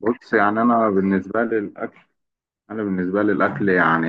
بص، يعني انا بالنسبه لي الاكل يعني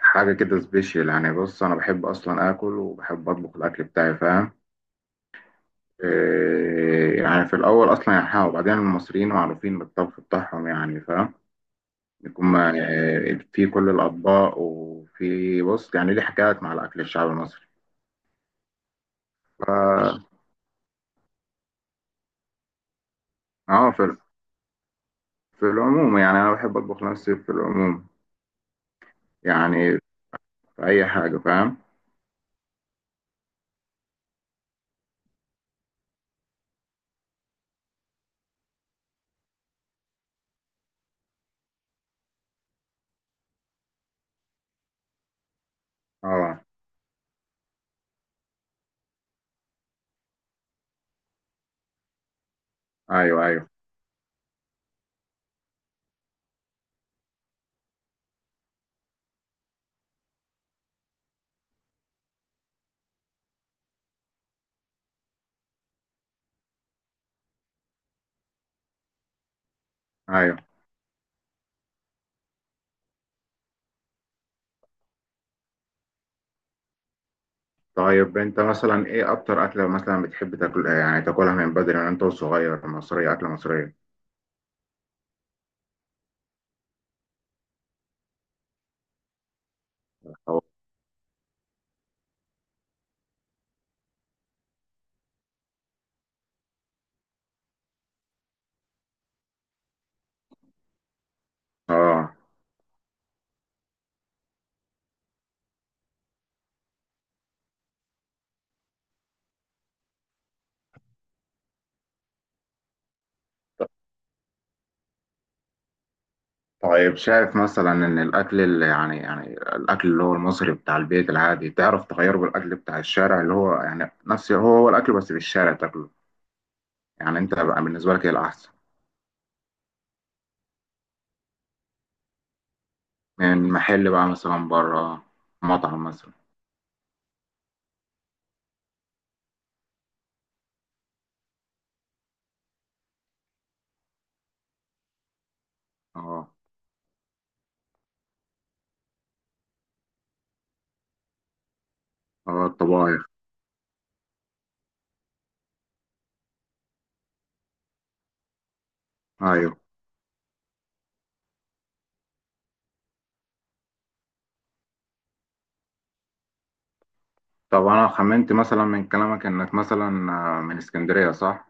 حاجه كده سبيشال. يعني بص، انا بحب اصلا اكل وبحب اطبخ الاكل بتاعي، فاهم؟ إيه يعني، في الاول اصلا يعني وبعدين المصريين معروفين بالطبخ بتاعهم يعني، فاهم؟ يكون ما- في كل الاطباق، وفي، بص يعني، ليه حكايات مع الاكل الشعبي المصري. ف اه في في العموم، يعني انا بحب اطبخ نفسي في العموم، يعني في اي حاجه، فاهم؟ اه، ايوه ايوه ايوه. طيب، انت مثلا ايه اكتر اكله مثلا بتحب تاكل؟ يعني تاكلها من بدري من انت وصغير، مصريه، اكله مصريه. أو- اه. طيب، شايف مثلا ان الاكل اللي، يعني، يعني الاكل اللي هو المصري بتاع البيت العادي، تعرف تغيره بالاكل بتاع الشارع، اللي هو يعني نفس هو الاكل بس في الشارع تاكله؟ يعني انت بقى بالنسبه لك ايه الاحسن؟ من محل بقى، مثلا بره، مطعم مثلا. اه. اه، الطبايخ. ايوه. طب انا خمنت مثلا من كلامك انك مثلا، من اسكندريه، صح؟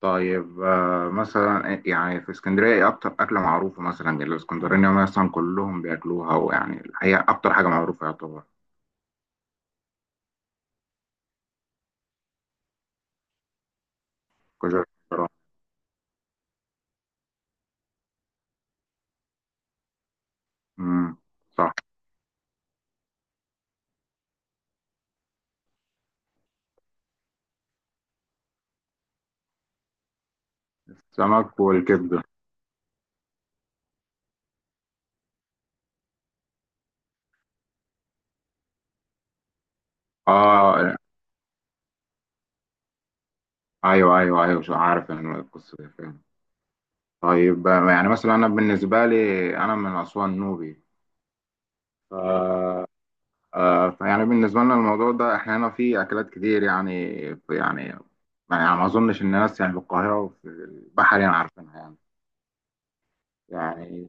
طيب، مثلا يعني في اسكندرية ايه أكتر أكلة معروفة؟ مثلا الاسكندرانية مثلا كلهم بياكلوها، ويعني هي أكتر حاجة معروفة، يعتبر. كشري الاسكندراني. امم. صح. سمك والكبدة. اه، ايوه ايوه ايوه، شو عارف إن القصة دي، فاهم. طيب، يعني مثلا أنا بالنسبة لي أنا من أسوان، نوبي. ف فيعني بالنسبة لنا الموضوع ده، احنا هنا في أكلات كتير يعني. يعني، يعني ما أظنش الناس يعني في القاهرة وفي البحر يعني عارفينها يعني، يعني.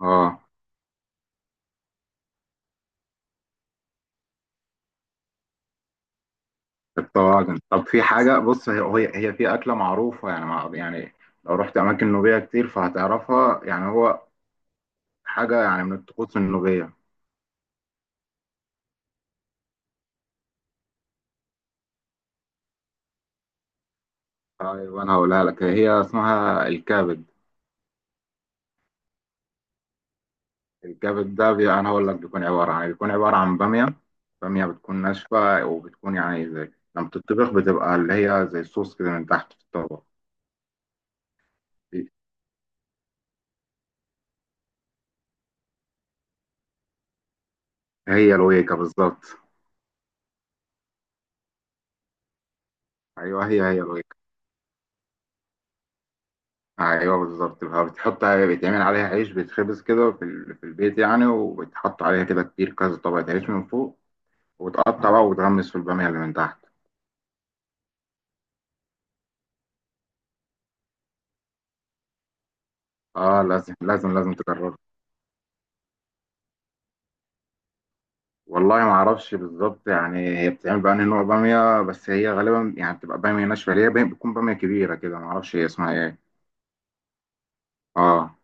اه، الطواجن. طب في حاجة، بص، هي في أكلة معروفة يعني، مع يعني، لو رحت أماكن نوبية كتير فهتعرفها، يعني هو حاجة يعني من الطقوس النوبية. طيب، أنا هقولها لك، هي اسمها الكبد. الكبد ده، أنا هقول لك بيكون عبارة عن بيكون عبارة عن بامية. بامية بتكون ناشفة، وبتكون يعني زي لما بتطبخ بتبقى اللي هي زي الصوص كده من تحت في الطبق. هي الويكة بالظبط. أيوه، هي الويكة. ايوه بالظبط، بيتعمل عليها عيش، بيتخبز كده في البيت يعني، وبتحط عليها كده كتير، كذا طبقة عيش من فوق، وتقطع بقى وتغمس في البامية اللي من تحت. اه، لازم لازم لازم تجربها. والله ما اعرفش بالظبط، يعني هي بتعمل بقى نوع بامية، بس هي غالبا يعني بتبقى بامية ناشفة، اللي هي بتكون بامية كبيرة كده، ما اعرفش هي اسمها ايه. اه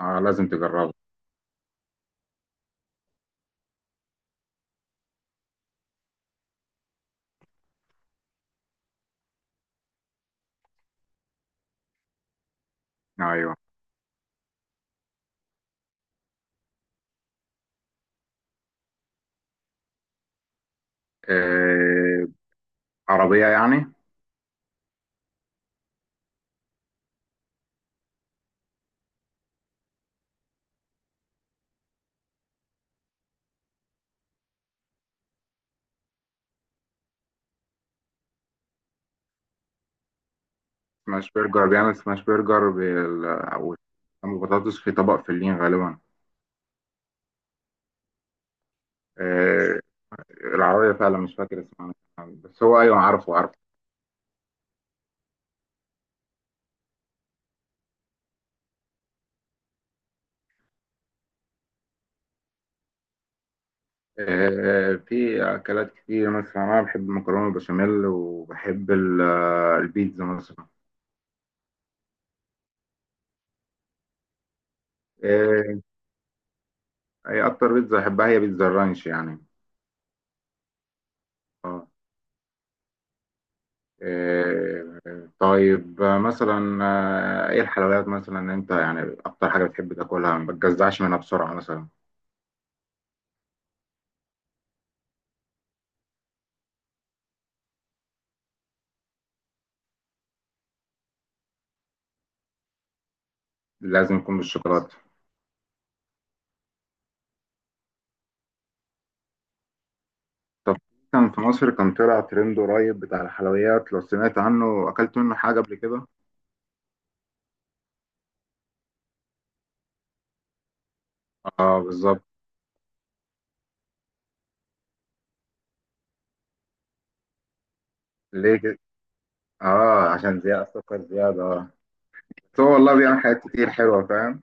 اه، لازم تجربها. ايوه. آه. عربية يعني. سماش برجر، بيعمل سماش برجر وبطاطس في طبق فلين غالبا. آه، العربية فعلا مش فاكر اسمها، بس هو أيوة، عارفه عارفه. في أكلات كتير، مثلا أنا بحب المكرونة البشاميل وبحب البيتزا مثلا. آه، أي أكتر بيتزا أحبها هي بيتزا الرانش يعني. آه. آه، طيب، مثلا إيه الحلويات مثلا أنت يعني أكتر حاجة بتحب تاكلها ما بتجزعش منها بسرعة مثلا؟ لازم يكون بالشوكولاتة. طب كان في مصر كان طلع ترند قريب بتاع الحلويات، لو سمعت عنه أكلت منه حاجة قبل كده؟ اه بالظبط. ليه كده؟ اه، عشان زيادة السكر زيادة، بس هو والله بيعمل حاجات كتير حلوة، فاهم.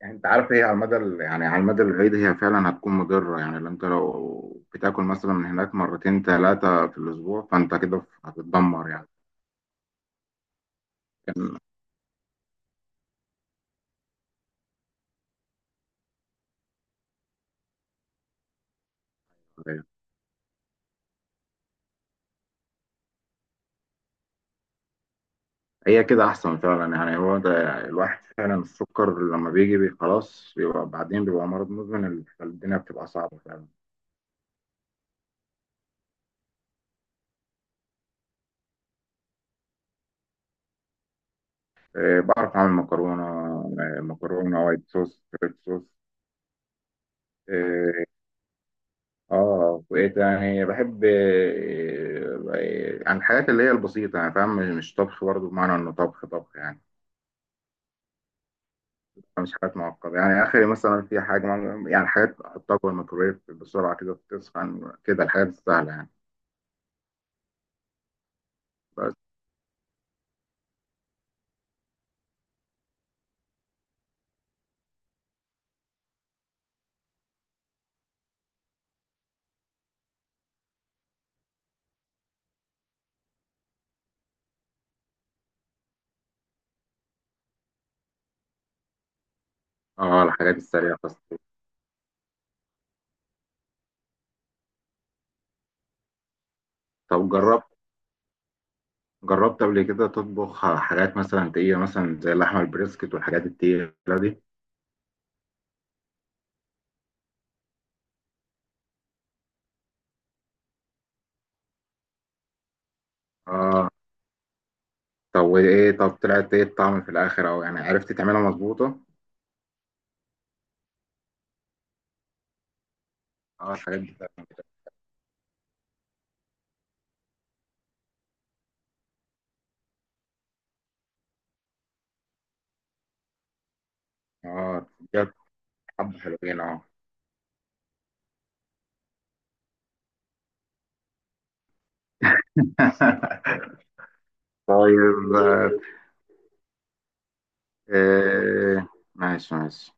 يعني انت عارف، هي على المدى يعني على المدى البعيد، هي فعلا هتكون مضرة، يعني لو انت لو بتاكل مثلا من هناك مرتين ثلاثة في الأسبوع، فانت كده هتتدمر يعني. كان- هي كده أحسن فعلا، يعني هو ده. الواحد فعلا السكر لما بيجي خلاص، بيبقى بعدين، بيبقى مرض مزمن، الدنيا بتبقى صعبة فعلا. بعرف أعمل مكرونة، مكرونة وايت صوص، ريد صوص. آه، اه، بقيت يعني بحب عن الحاجات اللي هي البسيطة يعني، فاهم. مش طبخ برضه بمعنى انه طبخ طبخ يعني، مش حاجات معقدة يعني اخري، مثلا في حاجة يعني حاجات احطها جوه الميكرويف بسرعة كده تسخن كده، الحاجات السهلة يعني. بس. اه، الحاجات السريعة بس. طب، جربت قبل كده تطبخ حاجات مثلا تقيلة، مثلا زي اللحمة البريسكت والحاجات التقيلة دي؟ اه. طب وايه؟ طب طلعت ايه الطعم في الاخر؟ او يعني عرفت تعملها مظبوطة؟ اه، الحاجات دي. اه، حبة حلوين، طيب، آه، ماشي ماشي.